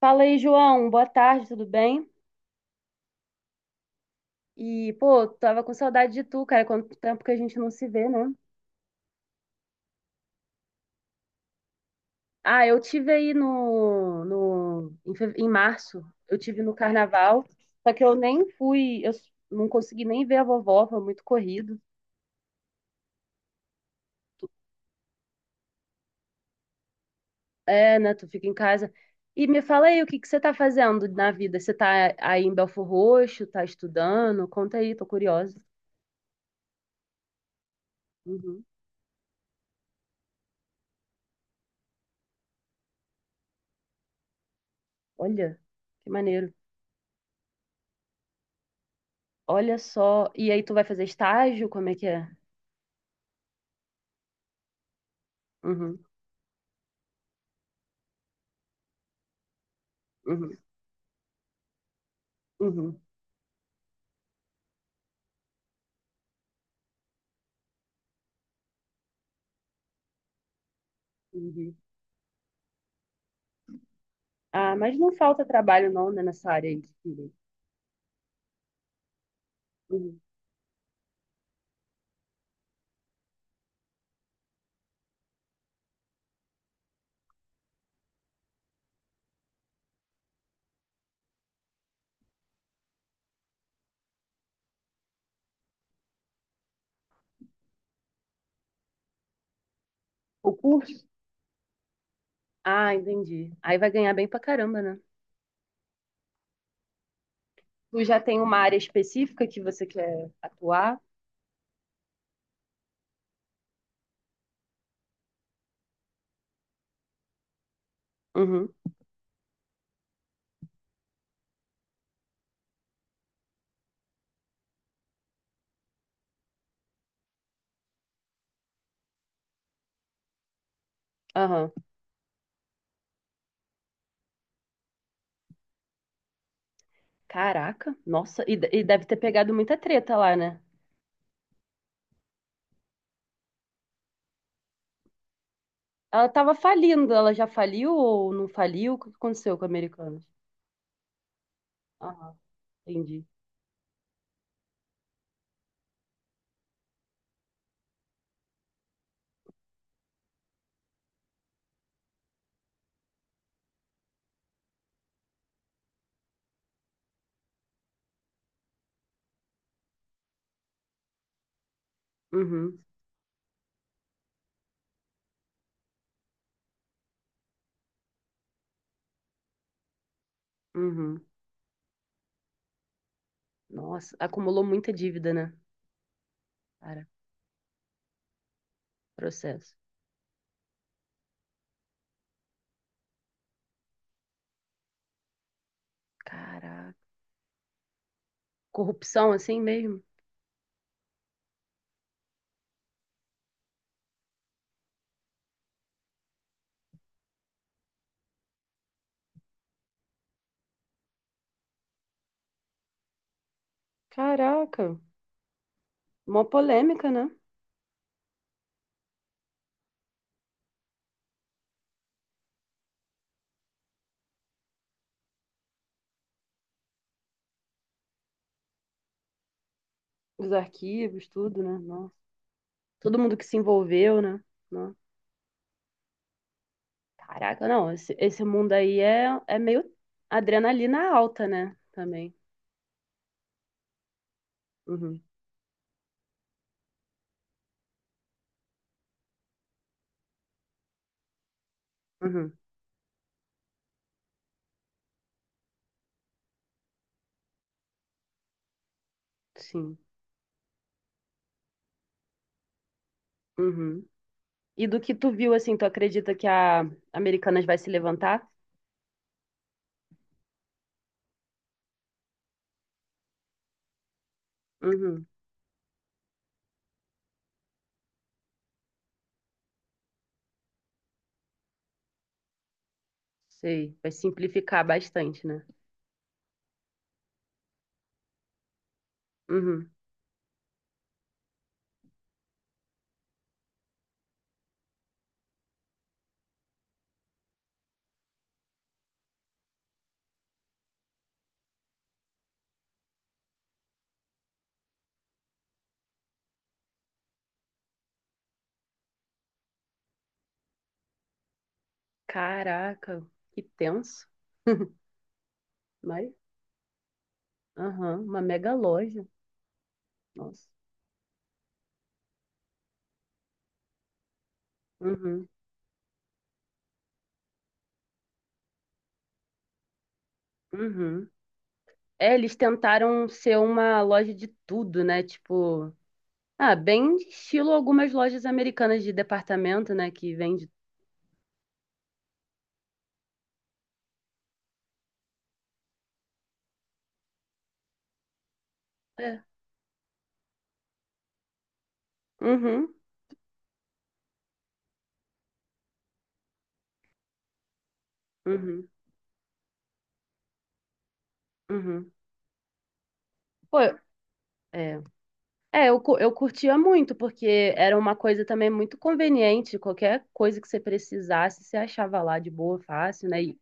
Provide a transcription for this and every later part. Fala aí, João. Boa tarde, tudo bem? Pô, tava com saudade de tu, cara. Quanto tempo que a gente não se vê, né? Ah, eu tive aí no, no em, fe- em março, eu tive no carnaval, só que eu nem fui, não consegui nem ver a vovó, foi muito corrido. É, né? Tu fica em casa. E me fala aí, o que que você tá fazendo na vida? Você tá aí em Belford Roxo, tá estudando? Conta aí, tô curiosa. Uhum. Olha, que maneiro. Olha só. E aí, tu vai fazer estágio? Como é que é? Uhum, uhum, uhum, uhum. Ah, mas não falta trabalho não, né, nessa área aí de filho. Uhum. O curso? Ah, entendi. Aí vai ganhar bem pra caramba, né? Tu já tem uma área específica que você quer atuar? Uhum, aham. Caraca, nossa, e deve ter pegado muita treta lá, né? Ela tava falindo, ela já faliu ou não faliu? O que aconteceu com a Americanas? Aham, entendi. Uhum, uhum. Nossa, acumulou muita dívida, né? Cara, processo. Caraca. Corrupção assim mesmo? Caraca, uma polêmica, né? Os arquivos, tudo, né? Nossa. Todo mundo que se envolveu, né? Nossa. Caraca, não, esse mundo aí é, é meio adrenalina alta, né? Também. Uhum, uhum, sim. Uhum. E do que tu viu, assim, tu acredita que a Americanas vai se levantar? Uhum, sei. Vai simplificar bastante, né? Uhum. Caraca, que tenso. Mas, aham, uma mega loja. Nossa. Uhum, uhum. É, eles tentaram ser uma loja de tudo, né? Tipo, ah, bem estilo algumas lojas americanas de departamento, né? Que vende. É. Uhum, uhum, uhum. Pô, eu- é. É, eu curtia muito, porque era uma coisa também muito conveniente. Qualquer coisa que você precisasse, você achava lá de boa, fácil, né?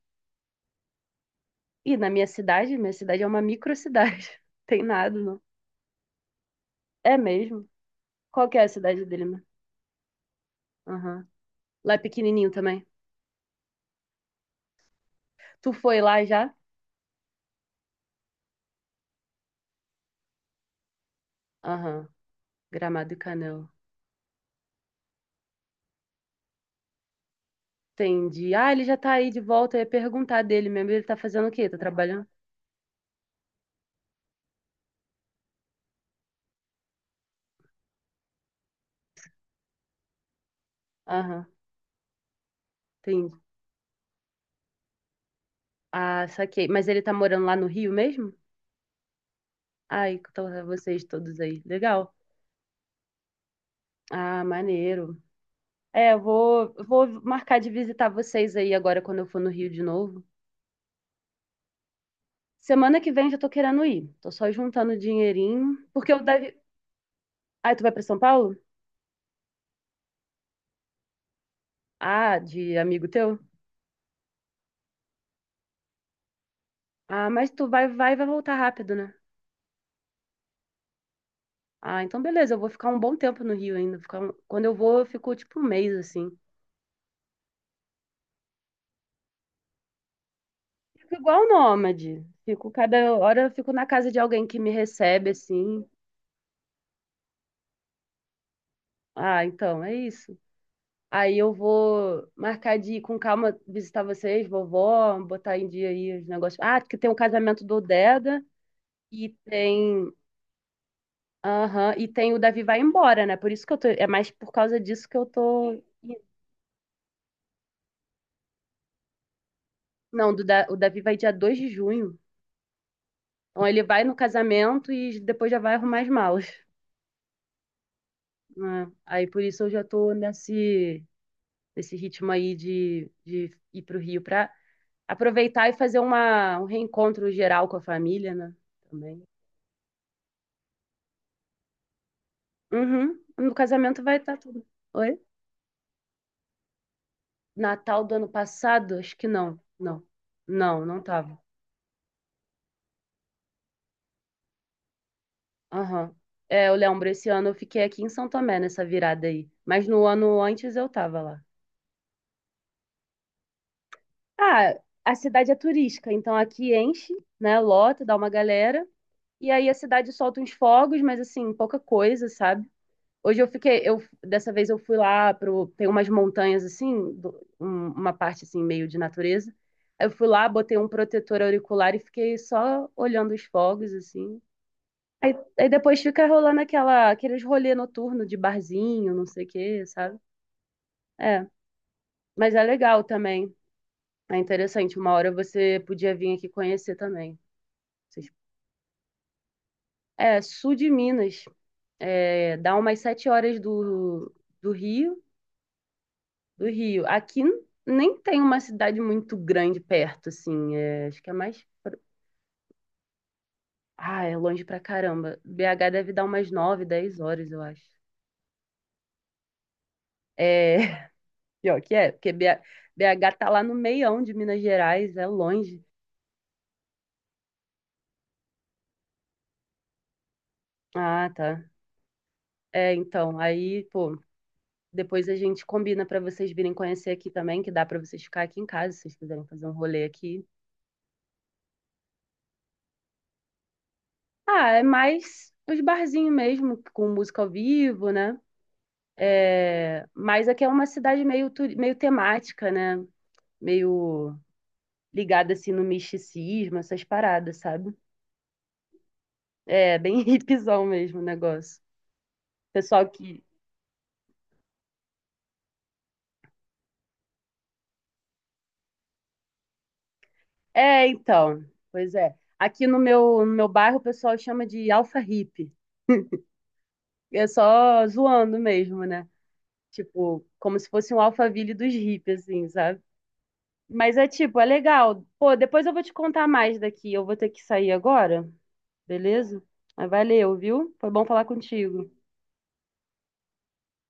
E na minha cidade é uma microcidade. Tem nada, não. É mesmo? Qual que é a cidade dele, né? Aham. Lá é pequenininho também. Tu foi lá já? Aham, Gramado e Canela. Entendi. Ah, ele já tá aí de volta. Eu ia perguntar dele mesmo. Ele tá fazendo o quê? Tá trabalhando? Aham, entendi. Ah, saquei. Mas ele tá morando lá no Rio mesmo? Ai, então é vocês todos aí. Legal. Ah, maneiro. É, eu vou marcar de visitar vocês aí agora quando eu for no Rio de novo. Semana que vem já tô querendo ir. Tô só juntando dinheirinho. Porque eu deve. Ah, tu vai pra São Paulo? Ah, de amigo teu? Ah, mas tu vai, e vai voltar rápido, né? Ah, então beleza, eu vou ficar um bom tempo no Rio ainda. Quando eu vou, eu fico tipo um mês assim. Fico igual nômade. Fico cada hora eu fico na casa de alguém que me recebe assim. Ah, então é isso. Aí eu vou marcar de ir com calma visitar vocês, vovó, botar em dia aí os negócios. Ah, que tem o casamento do Deda e tem, aham, e tem o Davi vai embora, né? Por isso que eu tô, é mais por causa disso que eu tô. Não, o Davi vai dia 2 de junho. Então ele vai no casamento e depois já vai arrumar as malas, né? Aí por isso eu já tô nesse ritmo aí de ir pro Rio pra aproveitar e fazer uma, um reencontro geral com a família, né? Também. Uhum. No casamento vai estar tudo. Oi? Natal do ano passado? Acho que não. Não. Não, não tava. Aham. É, eu lembro, esse ano eu fiquei aqui em São Tomé nessa virada aí. Mas no ano antes eu tava lá. Ah, a cidade é turística, então aqui enche, né? Lota, dá uma galera. E aí a cidade solta uns fogos, mas assim, pouca coisa, sabe? Hoje eu fiquei, eu dessa vez eu fui lá pro, tem umas montanhas assim, uma parte assim meio de natureza. Aí eu fui lá, botei um protetor auricular e fiquei só olhando os fogos assim. Aí, aí depois fica rolando aquela, aqueles rolê noturno de barzinho, não sei o quê, sabe? É, mas é legal também. É interessante, uma hora você podia vir aqui conhecer também. Vocês- é, sul de Minas, é, dá umas 7 horas do Rio, do Rio. Aqui nem tem uma cidade muito grande perto, assim, é, acho que é mais... pro- Ah, é longe pra caramba. BH deve dar umas 9, 10 horas, eu acho. É, pior que é, porque BH tá lá no meião de Minas Gerais, é longe. Ah, tá. É, então, aí, pô, depois a gente combina pra vocês virem conhecer aqui também, que dá pra vocês ficar aqui em casa, se vocês quiserem fazer um rolê aqui. Ah, é mais os barzinhos mesmo, com música ao vivo, né? É... mas aqui é uma cidade meio, meio temática, né? Meio ligada assim no misticismo, essas paradas, sabe? É bem hipzão mesmo o negócio. Pessoal que. É, então. Pois é. Aqui no no meu bairro o pessoal chama de alfa hippie. É só zoando mesmo, né? Tipo, como se fosse um Alphaville dos hippies, assim, sabe? Mas é tipo, é legal. Pô, depois eu vou te contar mais daqui. Eu vou ter que sair agora, beleza? Mas valeu, viu? Foi bom falar contigo.